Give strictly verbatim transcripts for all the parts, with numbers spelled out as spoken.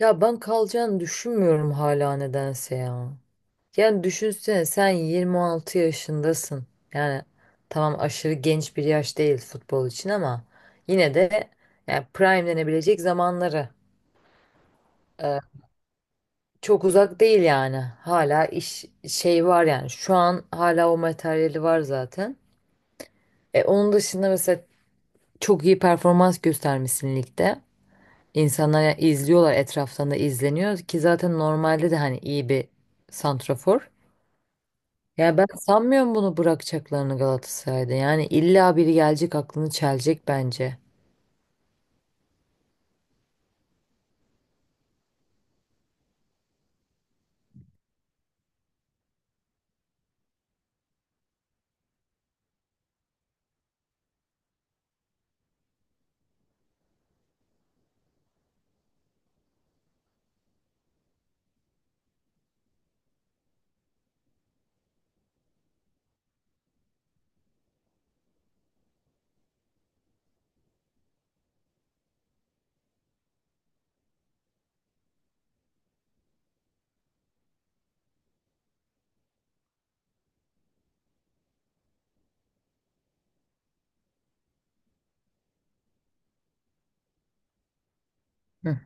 Ya ben kalacağını düşünmüyorum hala nedense ya. Yani düşünsene sen yirmi altı yaşındasın. Yani tamam aşırı genç bir yaş değil futbol için ama yine de yani prime denebilecek zamanları. Ee, Çok uzak değil yani. Hala iş şey var yani. Şu an hala o materyali var zaten. E, onun dışında mesela çok iyi performans göstermişsin ligde. İnsanlar ya- izliyorlar, etraftan da izleniyor ki zaten, normalde de hani iyi bir santrafor. Ya ben sanmıyorum bunu bırakacaklarını Galatasaray'da. Yani illa biri gelecek aklını çelecek bence. Hı.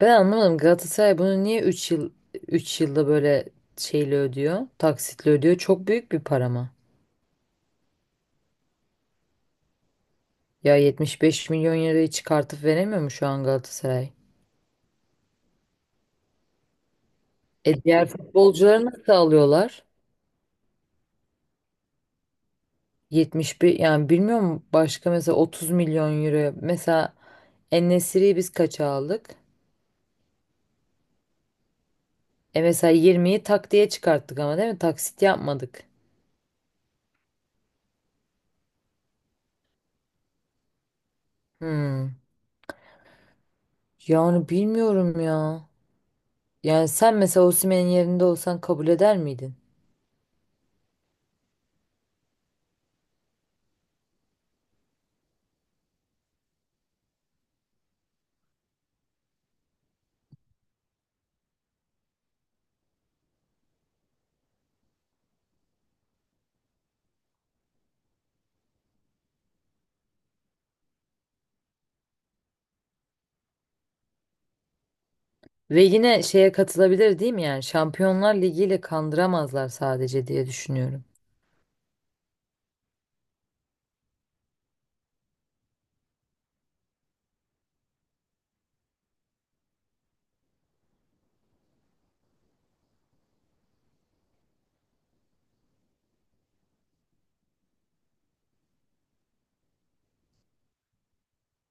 Ben anlamadım, Galatasaray bunu niye üç yıl, üç yılda böyle şeyle ödüyor? Taksitle ödüyor. Çok büyük bir para mı? Ya yetmiş beş milyon lirayı çıkartıp veremiyor mu şu an Galatasaray? E diğer futbolcuları nasıl alıyorlar? yetmiş bir, yani bilmiyorum, başka mesela otuz milyon euro. Mesela en biz kaça aldık? E mesela yirmiyi tak diye çıkarttık ama, değil mi? Taksit yapmadık. Hmm. Yani bilmiyorum ya. Yani sen mesela Osimhen'in yerinde olsan kabul eder miydin? Ve yine şeye katılabilir değil mi yani? Şampiyonlar Ligi ile kandıramazlar sadece diye düşünüyorum.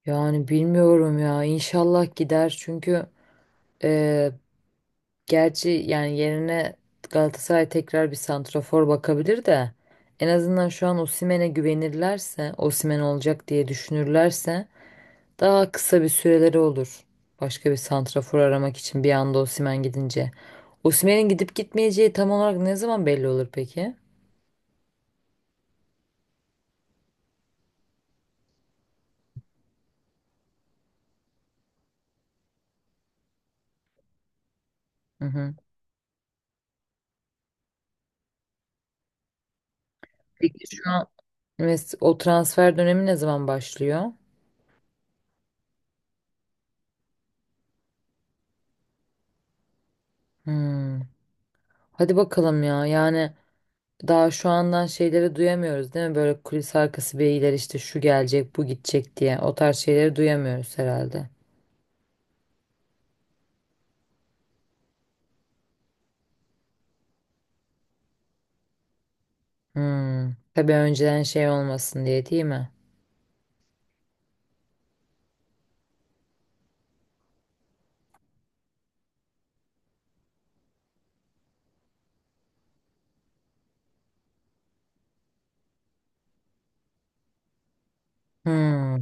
Yani bilmiyorum ya. İnşallah gider çünkü e, gerçi yani yerine Galatasaray tekrar bir santrafor bakabilir de, en azından şu an Osimhen'e güvenirlerse, Osimhen olacak diye düşünürlerse daha kısa bir süreleri olur. Başka bir santrafor aramak için bir anda Osimhen gidince. Osimhen'in gidip gitmeyeceği tam olarak ne zaman belli olur peki? Hı hı. Peki şu an mes- o transfer dönemi ne zaman başlıyor? Hmm. Hadi bakalım ya. Yani daha şu andan şeyleri duyamıyoruz değil mi? Böyle kulis arkası beyler işte şu gelecek, bu gidecek diye. O tarz şeyleri duyamıyoruz herhalde. Hmm. Tabii önceden şey olmasın diye, değil mi? Hmm.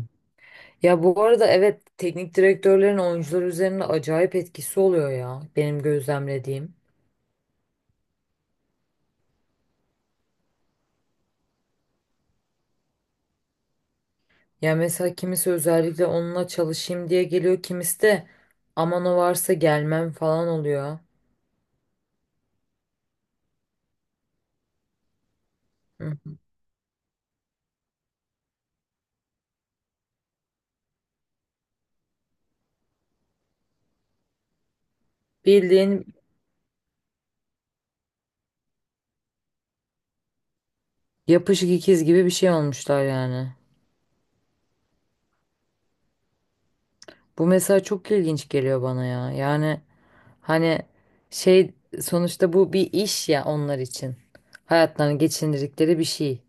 Ya bu arada evet, teknik direktörlerin oyuncular üzerinde acayip etkisi oluyor ya, benim gözlemlediğim. Ya mesela kimisi özellikle onunla çalışayım diye geliyor, kimisi de aman o varsa gelmem falan oluyor. Hı. Bildiğin yapışık ikiz gibi bir şey olmuşlar yani. Bu mesela çok ilginç geliyor bana ya. Yani hani şey, sonuçta bu bir iş ya onlar için. Hayatlarını geçindirdikleri bir şey.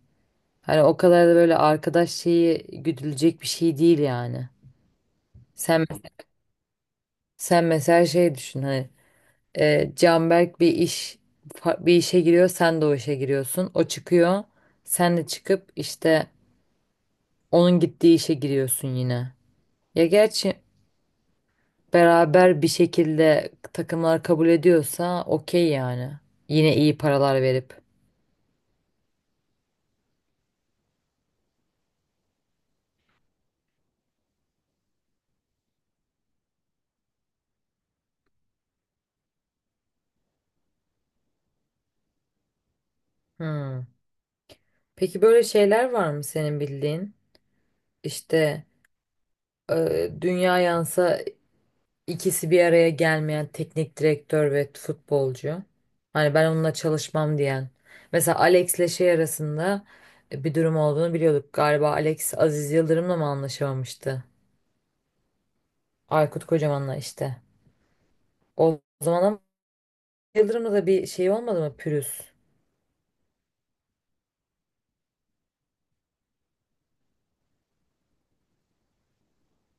Hani o kadar da böyle arkadaş şeyi güdülecek bir şey değil yani. Sen sen mesela şey düşün hani, e, Canberk bir iş, fa- bir işe giriyor, sen de o işe giriyorsun. O çıkıyor, sen de çıkıp işte onun gittiği işe giriyorsun yine. Ya gerçi beraber bir şekilde takımlar kabul ediyorsa okey yani. Yine iyi paralar verip. Hmm. Peki böyle şeyler var mı senin bildiğin? İşte e, dünya yansa İkisi bir araya gelmeyen teknik direktör ve futbolcu. Hani ben onunla çalışmam diyen. Mesela Alex'le şey arasında e, bir durum olduğunu biliyorduk. Galiba Alex Aziz Yıldırım'la mı anlaşamamıştı? Aykut Kocaman'la işte. O zaman ama Yıldırım'la da bir şey olmadı mı? Pürüz.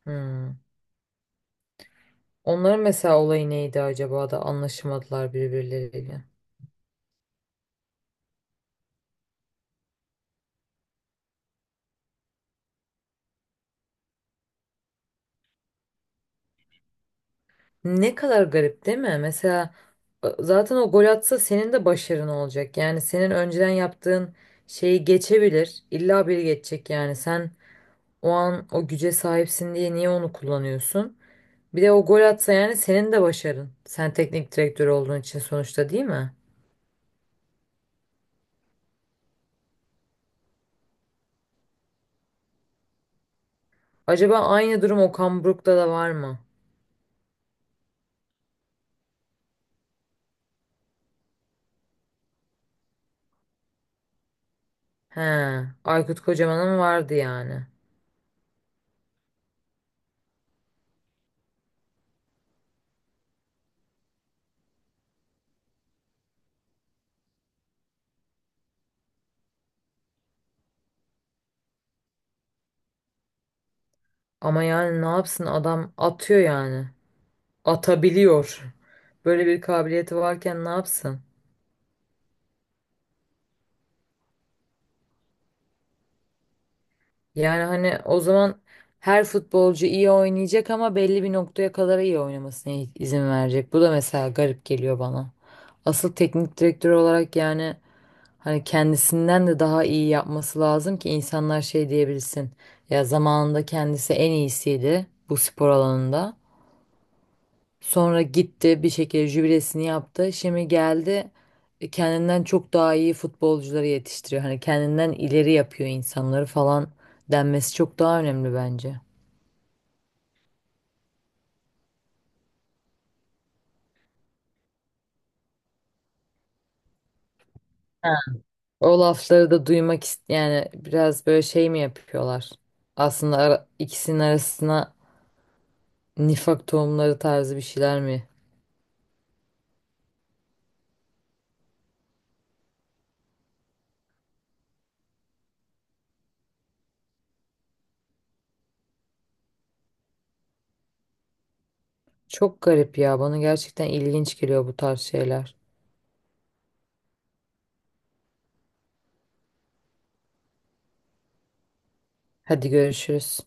Hmm. Onların mesela olayı neydi acaba da anlaşamadılar birbirleriyle. Ne kadar garip değil mi? Mesela e, zaten o gol atsa senin de başarın olacak. Yani senin önceden yaptığın şeyi geçebilir. İlla biri geçecek yani. Sen o an o güce sahipsin diye niye onu kullanıyorsun? Bir de o gol atsa yani senin de başarın. Sen teknik direktör olduğun için sonuçta, değil mi? Acaba aynı durum Okan Buruk'ta da var mı? He, Aykut Kocaman'ın vardı yani. Ama yani ne yapsın, adam atıyor yani. Atabiliyor. Böyle bir kabiliyeti varken ne yapsın? Yani hani o zaman her futbolcu iyi oynayacak ama belli bir noktaya kadar iyi oynamasına izin verecek. Bu da mesela garip geliyor bana. Asıl teknik direktör olarak yani, hani kendisinden de daha iyi yapması lazım ki insanlar şey diyebilsin. Ya zamanında kendisi en iyisiydi bu spor alanında. Sonra gitti bir şekilde jübilesini yaptı. Şimdi geldi, e, kendinden çok daha iyi futbolcuları yetiştiriyor. Hani kendinden ileri yapıyor insanları falan denmesi çok daha önemli bence. Ha. O lafları da duymak ist, yani biraz böyle şey mi yapıyorlar? Aslında ara- ikisinin arasına nifak tohumları tarzı bir şeyler mi? Çok garip ya. Bana gerçekten ilginç geliyor bu tarz şeyler. Hadi görüşürüz.